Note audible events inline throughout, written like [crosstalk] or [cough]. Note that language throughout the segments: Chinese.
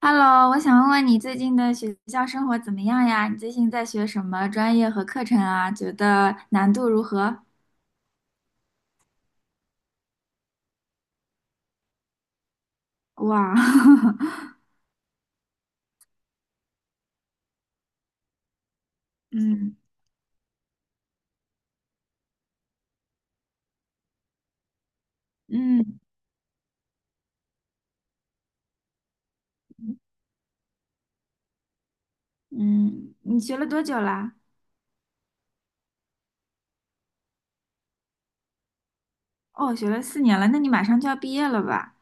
Hello，我想问问你最近的学校生活怎么样呀？你最近在学什么专业和课程啊？觉得难度如何？哇，[laughs] 嗯嗯嗯，你学了多久啦？哦，学了4年了，那你马上就要毕业了吧？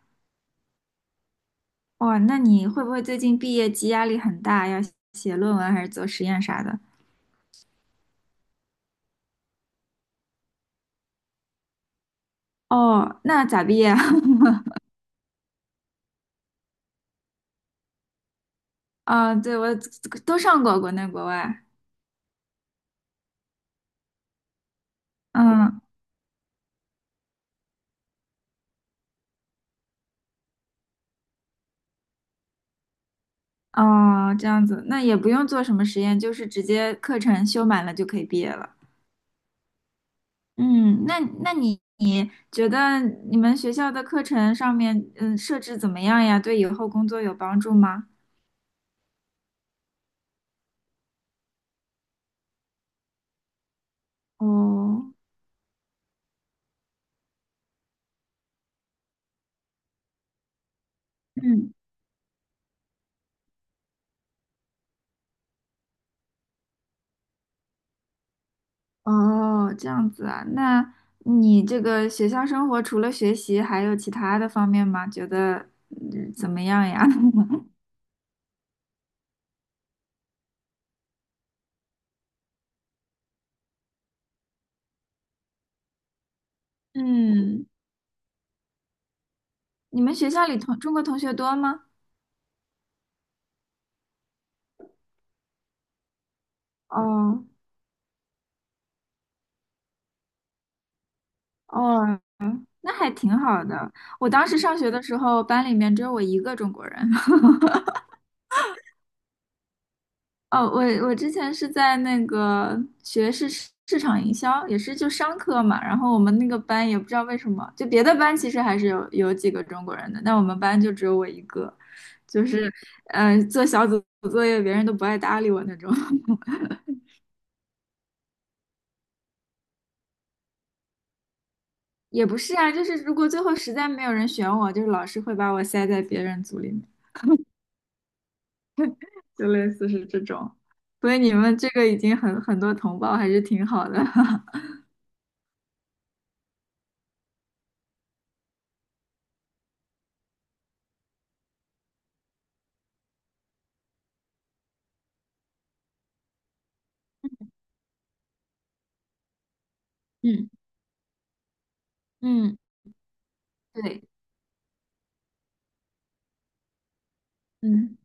哇，那你会不会最近毕业季压力很大，要写论文还是做实验啥的？哦，那咋毕业啊？[laughs] 啊，对，我都上过国内国外，嗯。哦，这样子，那也不用做什么实验，就是直接课程修满了就可以毕业了。嗯，那你觉得你们学校的课程上面，设置怎么样呀？对以后工作有帮助吗？哦，嗯，哦，这样子啊，那你这个学校生活除了学习，还有其他的方面吗？觉得，怎么样呀？[laughs] 嗯，你们学校里同中国同学多吗？哦哦，那还挺好的。我当时上学的时候，班里面只有我一个中国人。[laughs] 哦，我之前是在那个学市场营销，也是就商科嘛。然后我们那个班也不知道为什么，就别的班其实还是有几个中国人的，但我们班就只有我一个，就是做小组作业别人都不爱搭理我那种。[laughs] 也不是啊，就是如果最后实在没有人选我，就是老师会把我塞在别人组里面。就类似是这种。所以你们这个已经很多同胞还是挺好的。[laughs] 嗯嗯，对嗯，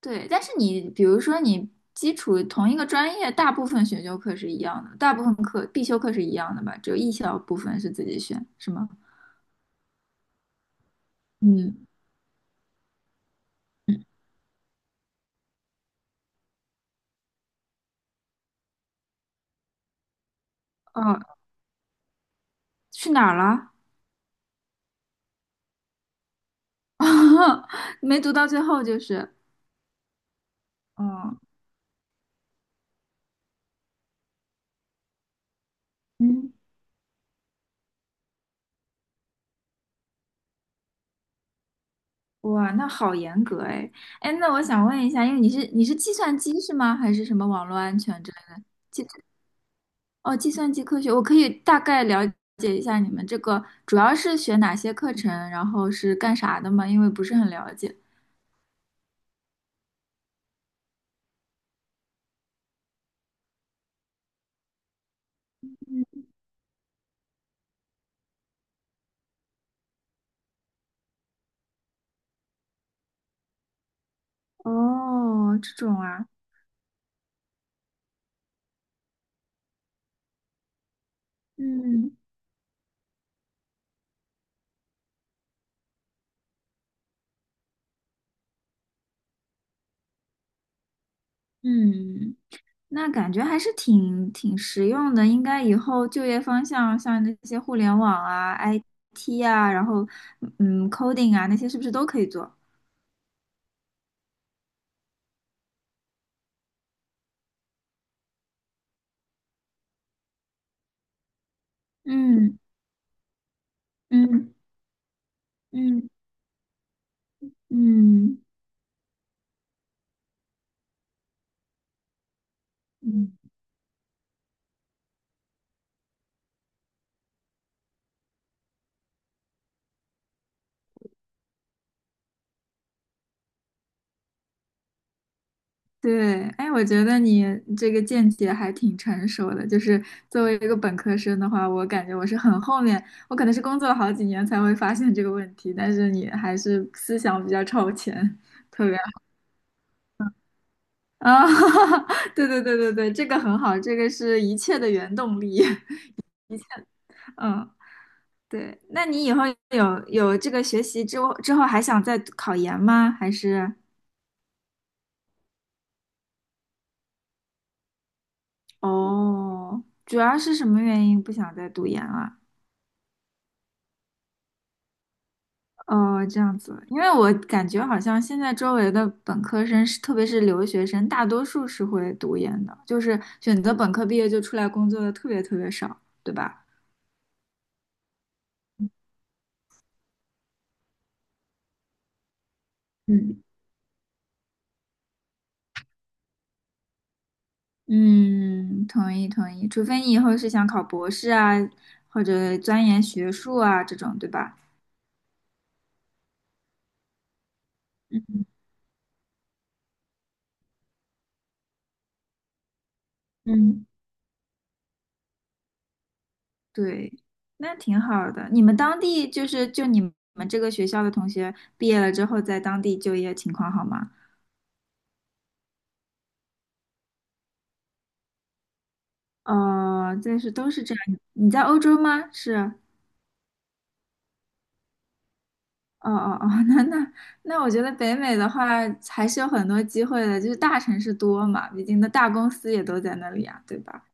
对，但是你比如说你基础同一个专业，大部分选修课是一样的，大部分课必修课是一样的吧？只有一小部分是自己选，是吗？嗯，嗯，哦，去哪儿了？[laughs] 没读到最后就是，哦嗯，哇，那好严格哎哎，那我想问一下，因为你是计算机是吗？还是什么网络安全之类的？哦，计算机科学，我可以大概了解一下你们这个主要是学哪些课程，然后是干啥的吗？因为不是很了解。哦，这种啊，嗯嗯，那感觉还是挺实用的，应该以后就业方向像那些互联网啊、IT 啊，然后coding 啊那些是不是都可以做？嗯嗯嗯嗯嗯。对，哎，我觉得你这个见解还挺成熟的。就是作为一个本科生的话，我感觉我是很后面，我可能是工作了好几年才会发现这个问题。但是你还是思想比较超前，特别啊，[laughs] 对对对对对，这个很好，这个是一切的原动力。[laughs] 嗯，对。那你以后有这个学习之后还想再考研吗？还是哦，主要是什么原因不想再读研了？哦，这样子，因为我感觉好像现在周围的本科生是，特别是留学生，大多数是会读研的，就是选择本科毕业就出来工作的特别特别少，对吧？嗯，嗯，同意同意，除非你以后是想考博士啊，或者钻研学术啊这种，对吧？嗯，对，那挺好的。你们当地就你们这个学校的同学毕业了之后，在当地就业情况好吗？哦，这是都是这样。你在欧洲吗？是，哦哦哦，[laughs] 那那那，我觉得北美的话还是有很多机会的，就是大城市多嘛，毕竟的大公司也都在那里呀，对吧？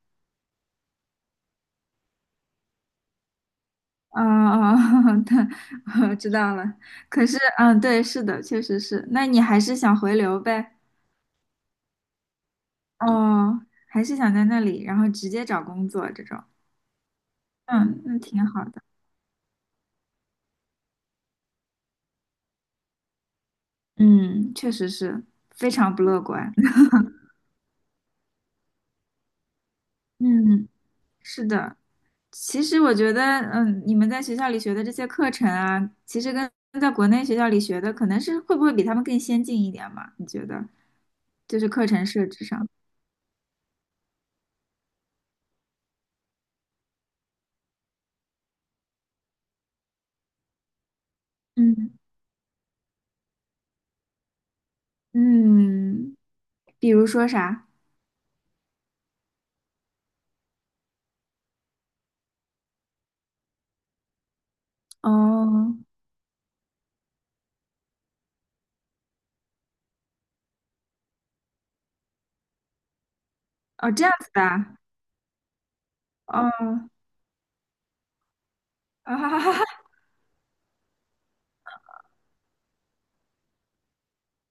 哦哦，[laughs] 对，我知道了。可是，嗯，对，是的，确实是。那你还是想回流呗？哦，还是想在那里，然后直接找工作这种。嗯，那挺好的。嗯，确实是非常不乐观。[laughs] 嗯，是的。其实我觉得，你们在学校里学的这些课程啊，其实跟在国内学校里学的，可能是会不会比他们更先进一点嘛？你觉得？就是课程设置上，嗯嗯，比如说啥？哦哦，这样子的啊，哦，啊 [laughs]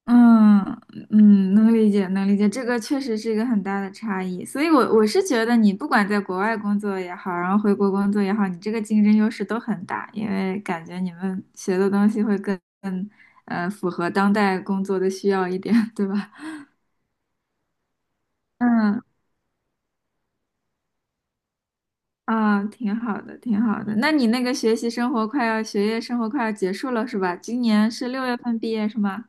嗯嗯，能理解，能理解，这个确实是一个很大的差异。所以我是觉得，你不管在国外工作也好，然后回国工作也好，你这个竞争优势都很大，因为感觉你们学的东西会更符合当代工作的需要一点，[laughs] 对吧？[laughs] 嗯啊，挺好的，挺好的。那你那个学业生活快要结束了是吧？今年是6月份毕业是吗？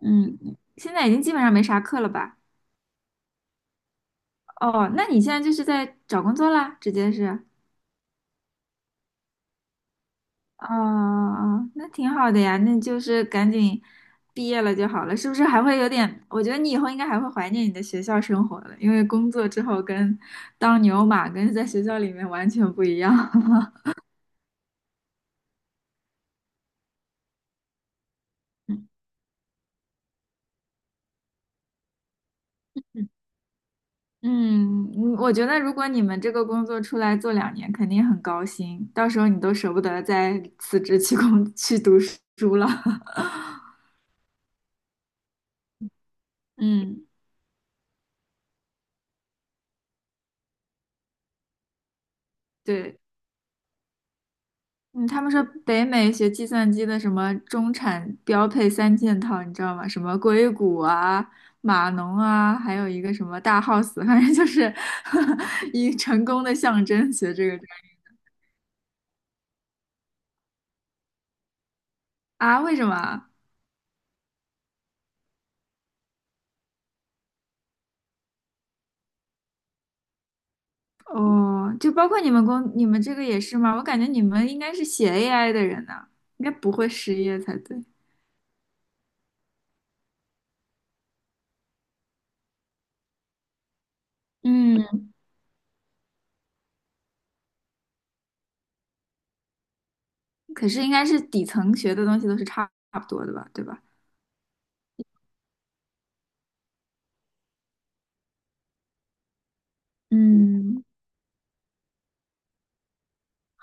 嗯，现在已经基本上没啥课了吧？哦，那你现在就是在找工作啦，直接是。哦，哦那挺好的呀，那就是赶紧毕业了就好了，是不是还会有点？我觉得你以后应该还会怀念你的学校生活的，因为工作之后跟当牛马跟在学校里面完全不一样。[laughs] 嗯，嗯我觉得如果你们这个工作出来做2年，肯定很高薪，到时候你都舍不得再辞职去读书了。[laughs] 嗯，对。嗯，他们说北美学计算机的什么中产标配三件套，你知道吗？什么硅谷啊、码农啊，还有一个什么大 house，反正就是 [laughs] 一成功的象征。学这个专业啊？为什么啊哦，就包括你们这个也是吗？我感觉你们应该是写 AI 的人呐、应该不会失业才对。嗯，可是应该是底层学的东西都是差不多的吧，对吧？嗯，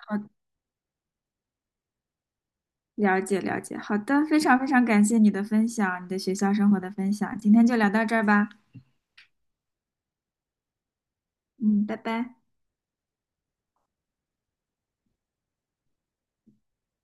好了解了解，好的，非常非常感谢你的分享，你的学校生活的分享，今天就聊到这儿吧，嗯，拜拜。